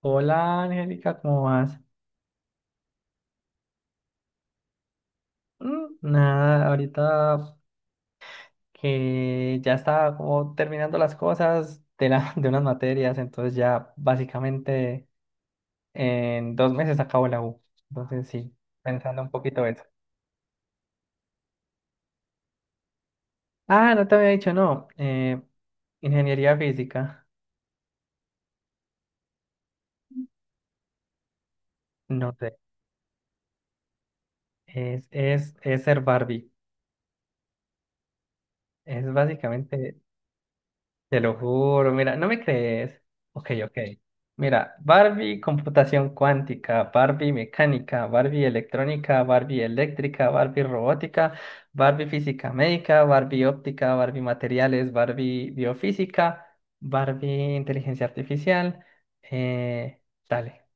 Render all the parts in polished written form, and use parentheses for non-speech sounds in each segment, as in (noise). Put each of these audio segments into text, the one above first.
Hola Angélica, ¿cómo vas? Mm, nada, ahorita que ya estaba como terminando las cosas (laughs) de unas materias, entonces ya básicamente en dos meses acabo la U. Entonces sí, pensando un poquito eso. Ah, no te había dicho, no. Ingeniería física, no sé, es ser Barbie. Es básicamente. Te lo juro, mira, no me crees. Ok, ok. Mira, Barbie computación cuántica, Barbie mecánica, Barbie electrónica, Barbie eléctrica, Barbie robótica, Barbie física médica, Barbie óptica, Barbie materiales, Barbie biofísica, Barbie inteligencia artificial. Eh, Dale,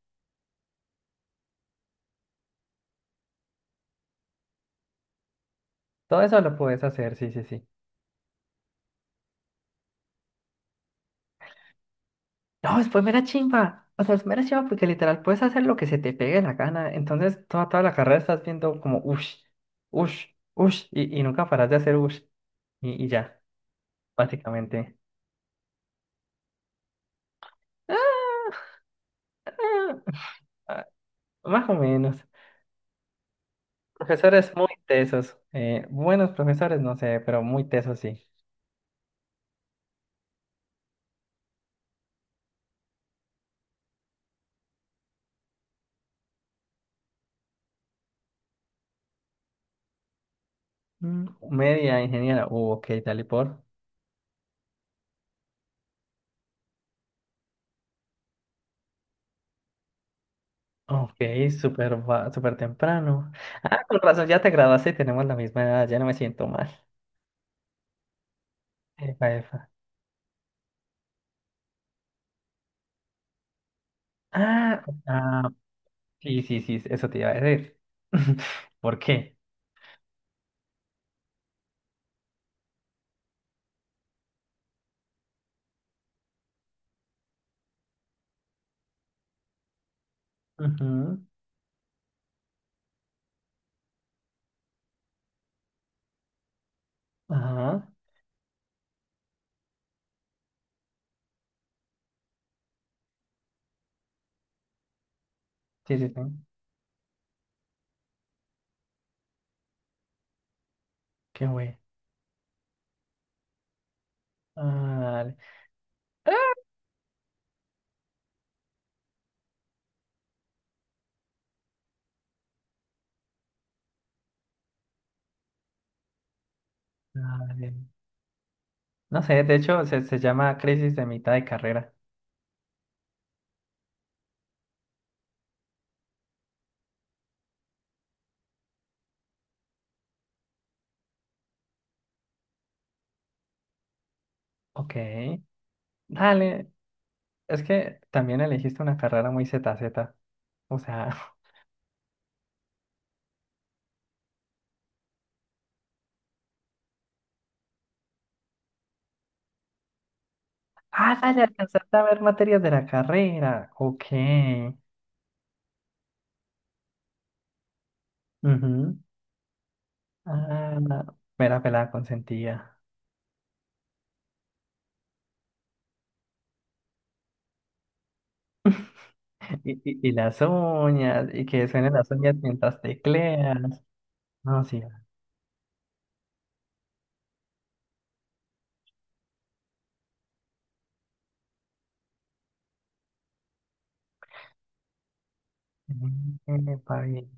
todo eso lo puedes hacer, sí, sí, sí. No, después pues mera chimba. O sea, es mera chimba porque literal puedes hacer lo que se te pegue la gana. Entonces, toda la carrera estás viendo como ush, ush, ush, y nunca paras de hacer ush. Y ya, básicamente. Ah, ah, más o menos. Profesores muy tesos. Buenos profesores, no sé, pero muy tesos sí. Mm, media ingeniera. Ok, tal y por. Ok, súper temprano. Ah, con razón, ya te graduaste y tenemos la misma edad, ya no me siento mal. Epa, epa. Ah, ah, sí, sí, sí, eso te iba a decir. (laughs) ¿Por qué? Ujú, ajá. Sí, sí, sí. Qué güey. Dale, dale. No sé, de hecho se llama crisis de mitad de carrera. Ok. Dale. Es que también elegiste una carrera muy ZZ. O sea. (laughs) Ah, dale, alcanzaste a ver materias de la carrera. Ok. Ujú. Ah, mera pelada consentida. Y las uñas, y que suenen las uñas mientras tecleas. No, sí. (laughs) Epa, bien.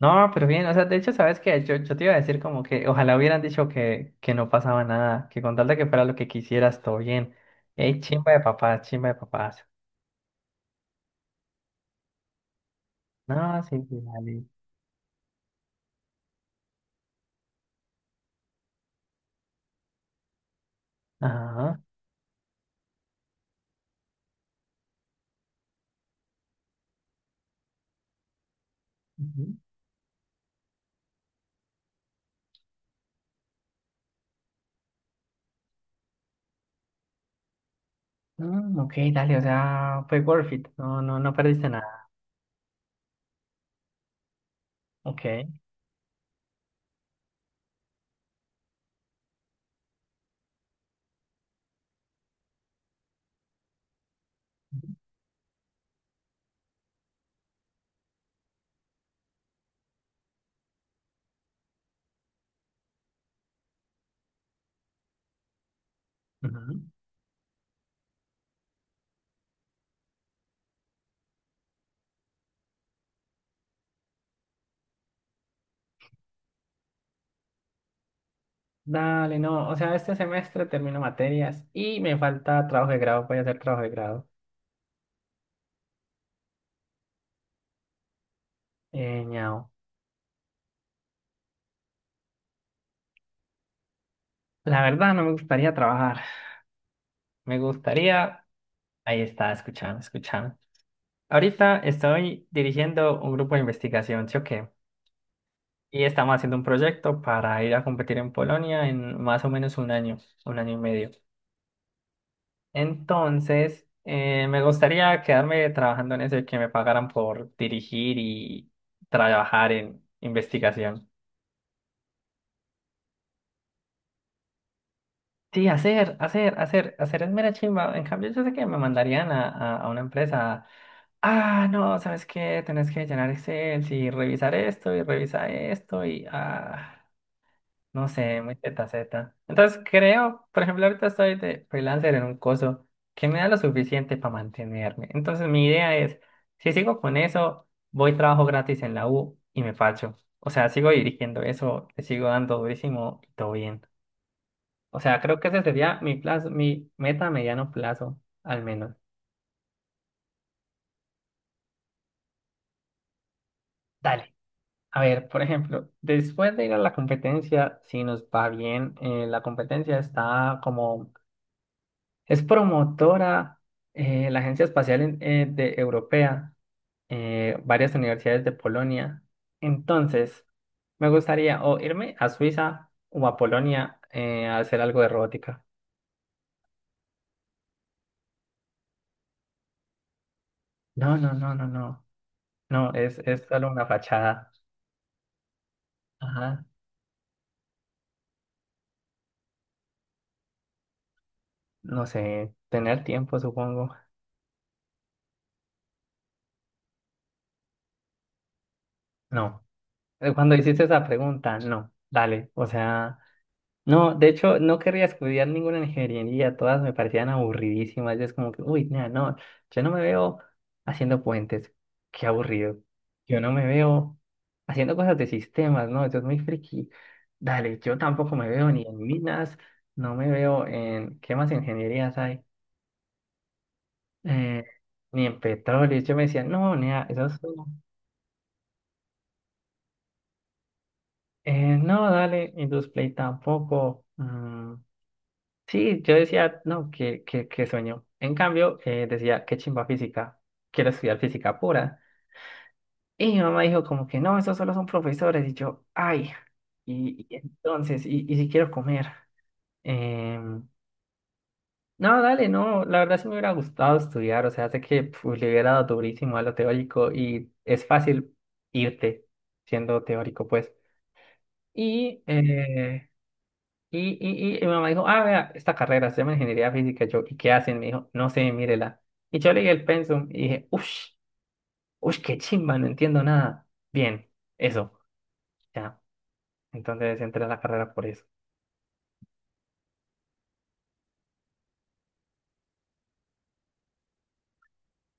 No, pero bien, o sea, de hecho, ¿sabes qué? Yo te iba a decir como que ojalá hubieran dicho que no pasaba nada, que con tal de que fuera lo que quisieras, todo bien. Ey, chimba de papás, chimba de papás. No, sí, sí, dale. Ajá. Ujú. Mm, ok, dale, o sea, fue worth it. No, no, no perdiste nada. Ok. Ujú. Dale, no, o sea, este semestre termino materias y me falta trabajo de grado, voy a hacer trabajo de grado. Ñao. La verdad no me gustaría trabajar, me gustaría, ahí está, escuchando, escuchando. Ahorita estoy dirigiendo un grupo de investigación, ¿sí o qué? Y estamos haciendo un proyecto para ir a competir en Polonia en más o menos un año y medio. Entonces, me gustaría quedarme trabajando en eso y que me pagaran por dirigir y trabajar en investigación. Sí, hacer, hacer, hacer, hacer es mera chimba. En cambio, yo sé que me mandarían a una empresa. Ah, no, ¿sabes qué? Tenés que llenar Excel y revisar esto y revisar esto y no sé, muy zeta. Entonces creo, por ejemplo, ahorita estoy de freelancer en un coso que me da lo suficiente para mantenerme. Entonces mi idea es, si sigo con eso, voy trabajo gratis en la U y me facho. O sea, sigo dirigiendo eso, le sigo dando durísimo y todo bien. O sea, creo que ese sería mi plazo, mi meta a mediano plazo, al menos. Dale. A ver, por ejemplo, después de ir a la competencia, si nos va bien, la competencia está como, es promotora, la Agencia Espacial de Europea, varias universidades de Polonia. Entonces, me gustaría o irme a Suiza o a Polonia a hacer algo de robótica. No, no, no, no, no. No, es solo una fachada. Ajá. No sé, tener tiempo, supongo. No. Cuando hiciste esa pregunta, no. Dale, o sea, no, de hecho, no querría estudiar ninguna ingeniería, todas me parecían aburridísimas. Y es como que, uy, nah, no, yo no me veo haciendo puentes, qué aburrido. Yo no me veo haciendo cosas de sistemas, no, eso es muy friki. Dale, yo tampoco me veo ni en minas, no me veo en, ¿qué más ingenierías hay? Eh, Ni en petróleo. Yo me decía, no, nea, eso es. No, dale, Indusplay tampoco. Mm, sí, yo decía, no, qué sueño. En cambio, decía, qué chimba física, quiero estudiar física pura. Y mi mamá dijo como que no, esos solo son profesores. Y yo, ay, y entonces, y si quiero comer. Em, no, dale, no, la verdad sí me hubiera gustado estudiar, o sea, sé que pf, le hubiera dado durísimo a lo teórico y es fácil irte siendo teórico, pues. Y Mm. eh, y mi mamá dijo, ah, vea, esta carrera se llama ingeniería física. Yo, ¿y qué hacen? Me dijo, no sé, mírela. Y yo leí el pensum y dije, uff, uff, qué chimba, no entiendo nada. Bien, eso, ya. Entonces entré a la carrera por eso.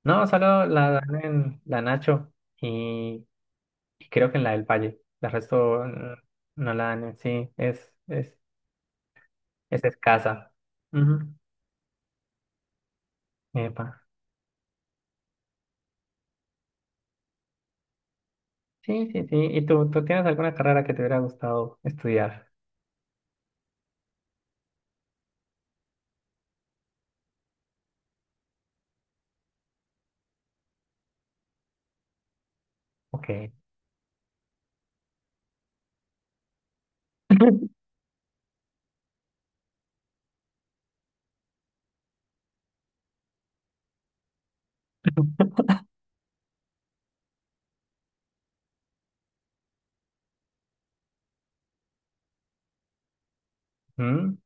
No, solo la dan en la Nacho y, y creo que en la del Valle. La resto no la dan en sí, es escasa. Ujú. Epa. Sí, sí, sí. ¿Y tú tienes alguna carrera que te hubiera gustado estudiar? Ok. (laughs) Mm.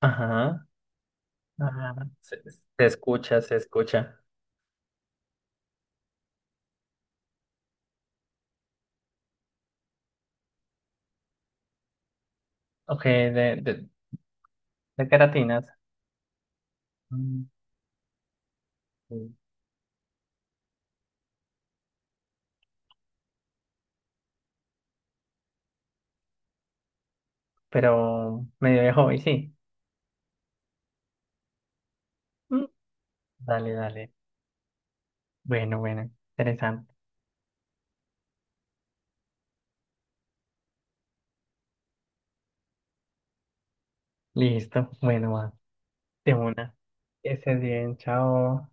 Ajá, ajá. Se escucha, se escucha. Ok, de queratinas. Mm, mm. Pero medio de hobby, sí. Mm, dale, dale. Bueno, bueno. Interesante. Listo. Bueno, va. De una. Que estés bien. Chao.